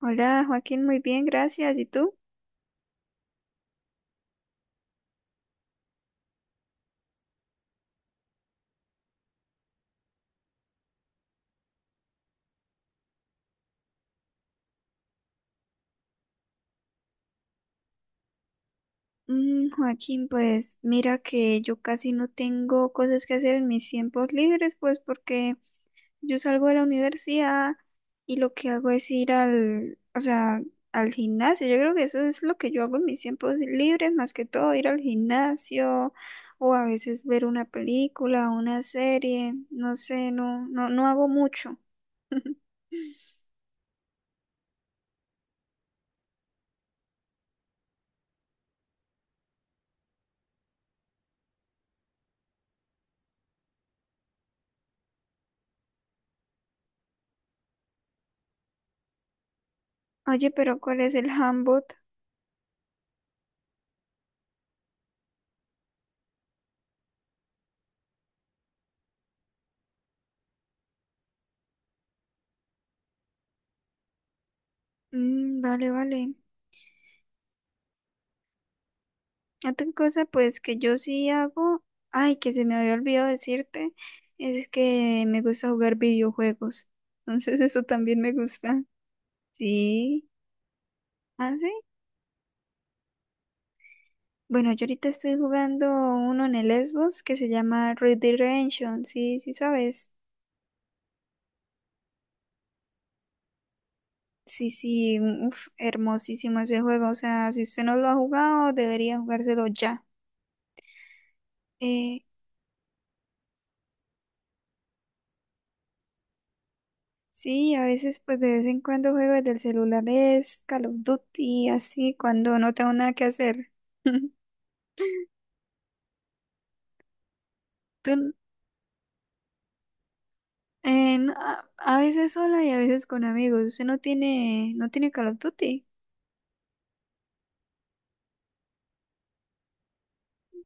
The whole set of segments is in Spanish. Hola Joaquín, muy bien, gracias. ¿Y tú? Joaquín, pues mira que yo casi no tengo cosas que hacer en mis tiempos libres, pues porque yo salgo de la universidad y lo que hago es o sea, al gimnasio. Yo creo que eso es lo que yo hago en mis tiempos libres, más que todo ir al gimnasio o a veces ver una película, una serie, no sé, no hago mucho. Oye, pero ¿cuál es el handbook? Mm, vale. Otra cosa, pues que yo sí hago, ay, que se me había olvidado decirte, es que me gusta jugar videojuegos. Entonces eso también me gusta. Sí. ¿Ah, sí? Bueno, yo ahorita estoy jugando uno en el Xbox que se llama Red Dead Redemption, sí, sí sabes. Sí, sí, uf, hermosísimo ese juego. O sea, si usted no lo ha jugado, debería jugárselo ya. Eh, sí, a veces pues de vez en cuando juego desde el celular es Call of Duty, así cuando no tengo nada que hacer. Tú, no, a veces sola y a veces con amigos. Usted no tiene Call of Duty,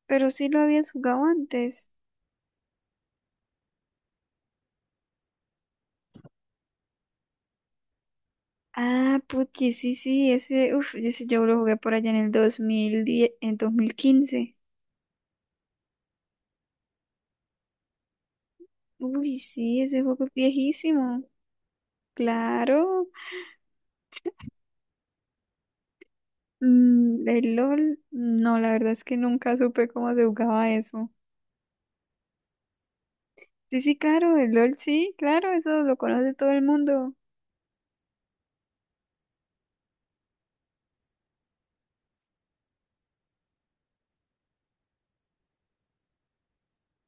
pero sí lo habías jugado antes. Ah, puchi, sí, sí, ese yo lo jugué por allá en el 2010, en 2015. Uy, sí, ese juego es viejísimo. Claro. Mm, el LOL, no, la verdad es que nunca supe cómo se jugaba eso. Sí, sí, claro, el LOL, sí, claro, eso lo conoce todo el mundo.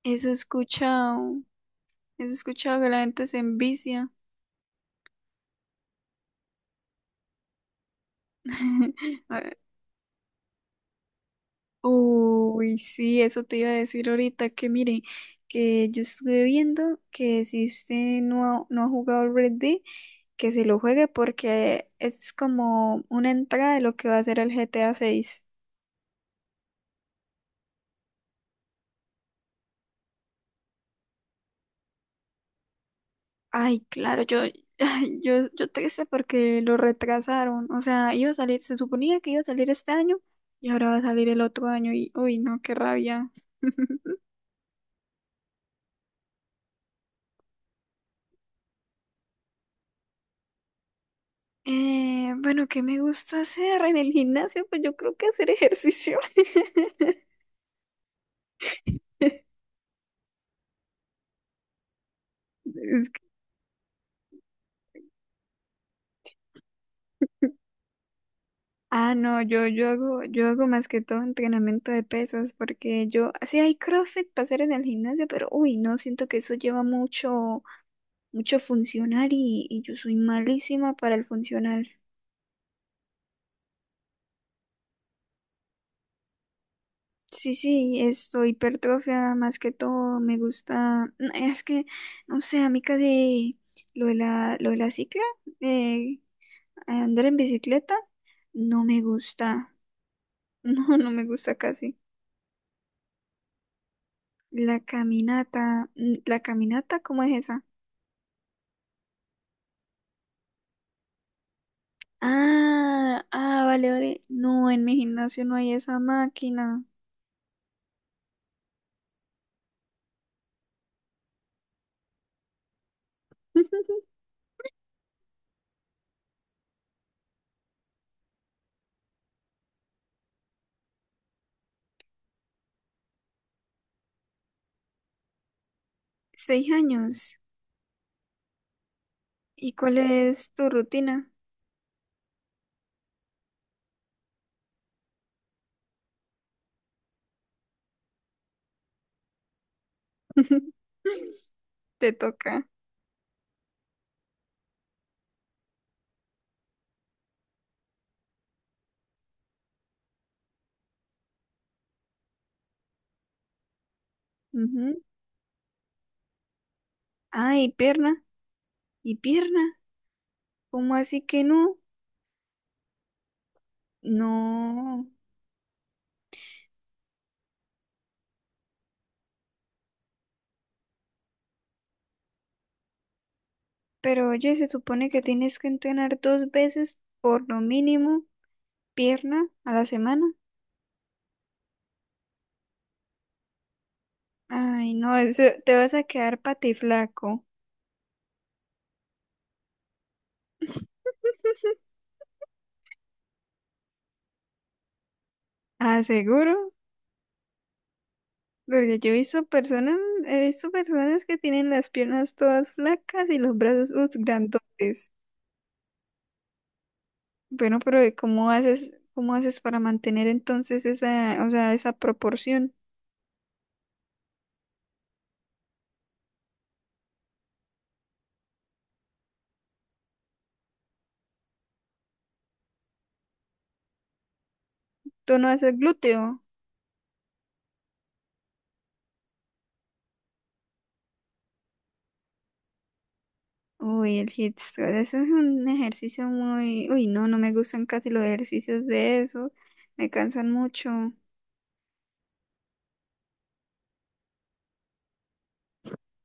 Eso he escuchado, eso he escuchado que la gente se envicia. A ver. Uy, sí, eso te iba a decir ahorita, que mire, que yo estuve viendo que si usted no ha jugado al Red Dead, que se lo juegue porque es como una entrada de lo que va a ser el GTA 6. Ay, claro, yo triste porque lo retrasaron. O sea, iba a salir, se suponía que iba a salir este año y ahora va a salir el otro año y, uy, no, qué rabia. Bueno, ¿qué me gusta hacer en el gimnasio? Pues yo creo que hacer ejercicio. Es que- Ah, no, yo hago más que todo entrenamiento de pesas porque yo, sí hay CrossFit para hacer en el gimnasio, pero uy, no, siento que eso lleva mucho funcional y yo soy malísima para el funcional. Sí, hipertrofia más que todo, me gusta, no, es que, no sé, a mí casi lo de la cicla, eh, andar en bicicleta, no me gusta, no, no me gusta casi. La caminata, mm, la caminata, ¿cómo es esa? Vale, vale, no, en mi gimnasio no hay esa máquina. Seis años, ¿y cuál es tu rutina? Te toca. Ujú. Ay, pierna. ¿Y pierna? ¿Cómo así que no? No. Pero oye, se supone que tienes que entrenar dos veces por lo mínimo pierna a la semana. Ay, no, eso, te vas a quedar patiflaco. Ah, seguro, porque yo he visto personas que tienen las piernas todas flacas y los brazos grandotes. Bueno, pero ¿ cómo haces para mantener entonces esa, o sea, esa proporción? ¿Tú no haces glúteo? Uy, el hit squad, eso es un ejercicio muy… Uy, no, no me gustan casi los ejercicios de eso. Me cansan mucho.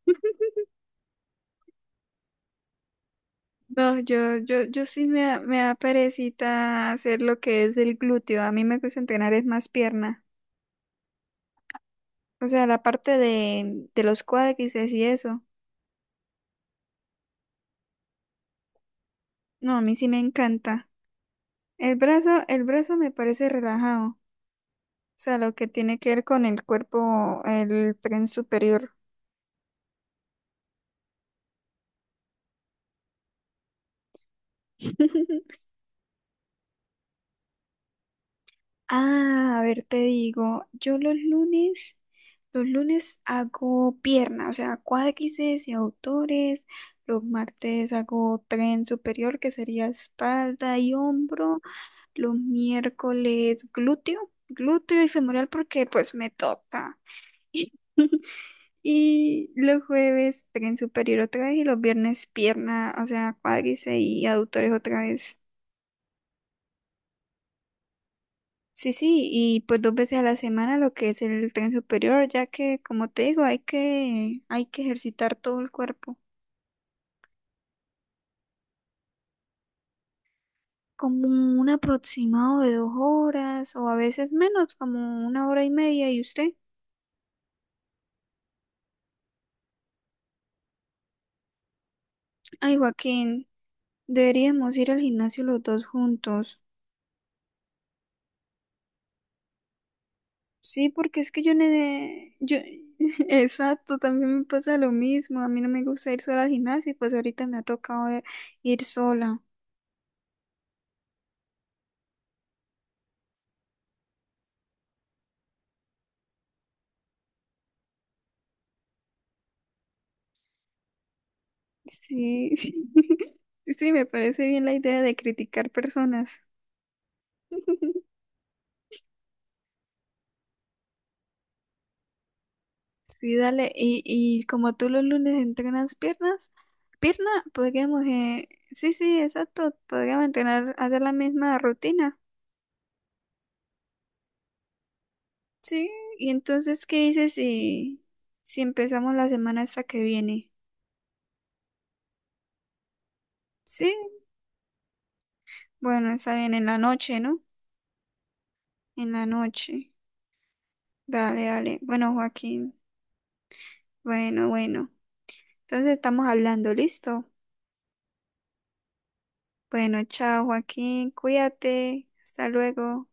No, yo sí me da perecita hacer lo que es el glúteo. A mí me gusta entrenar es más pierna. O sea, la parte de los cuádriceps y eso. No, a mí sí me encanta. El brazo me parece relajado. O sea, lo que tiene que ver con el cuerpo, el tren superior. A ver, te digo, los lunes hago pierna, o sea, cuádriceps y autores, los martes hago tren superior, que sería espalda y hombro, los miércoles glúteo, glúteo y femoral porque pues me toca. Y los jueves tren superior otra vez y los viernes pierna, o sea, cuádriceps y autores otra vez. Sí, sí, y pues dos veces a la semana lo que es el tren superior, ya que como te digo, hay que ejercitar todo el cuerpo, como un aproximado de dos horas o a veces menos, como una hora y media. ¿Y usted? Ay, Joaquín, deberíamos ir al gimnasio los dos juntos. Sí, porque es que exacto, también me pasa lo mismo, a mí no me gusta ir sola al gimnasio, y pues ahorita me ha tocado ir sola. Sí, sí, me parece bien la idea de criticar personas. Sí, dale. Y como tú los lunes entrenas piernas, pierna, podríamos, exacto, podríamos entrenar, hacer la misma rutina. Sí, y entonces, ¿qué dices si, si empezamos la semana esta que viene? Sí, bueno, está bien, en la noche, ¿no? En la noche. Dale, dale. Bueno, Joaquín, bueno. Entonces estamos hablando, ¿listo? Bueno, chao Joaquín, cuídate, hasta luego.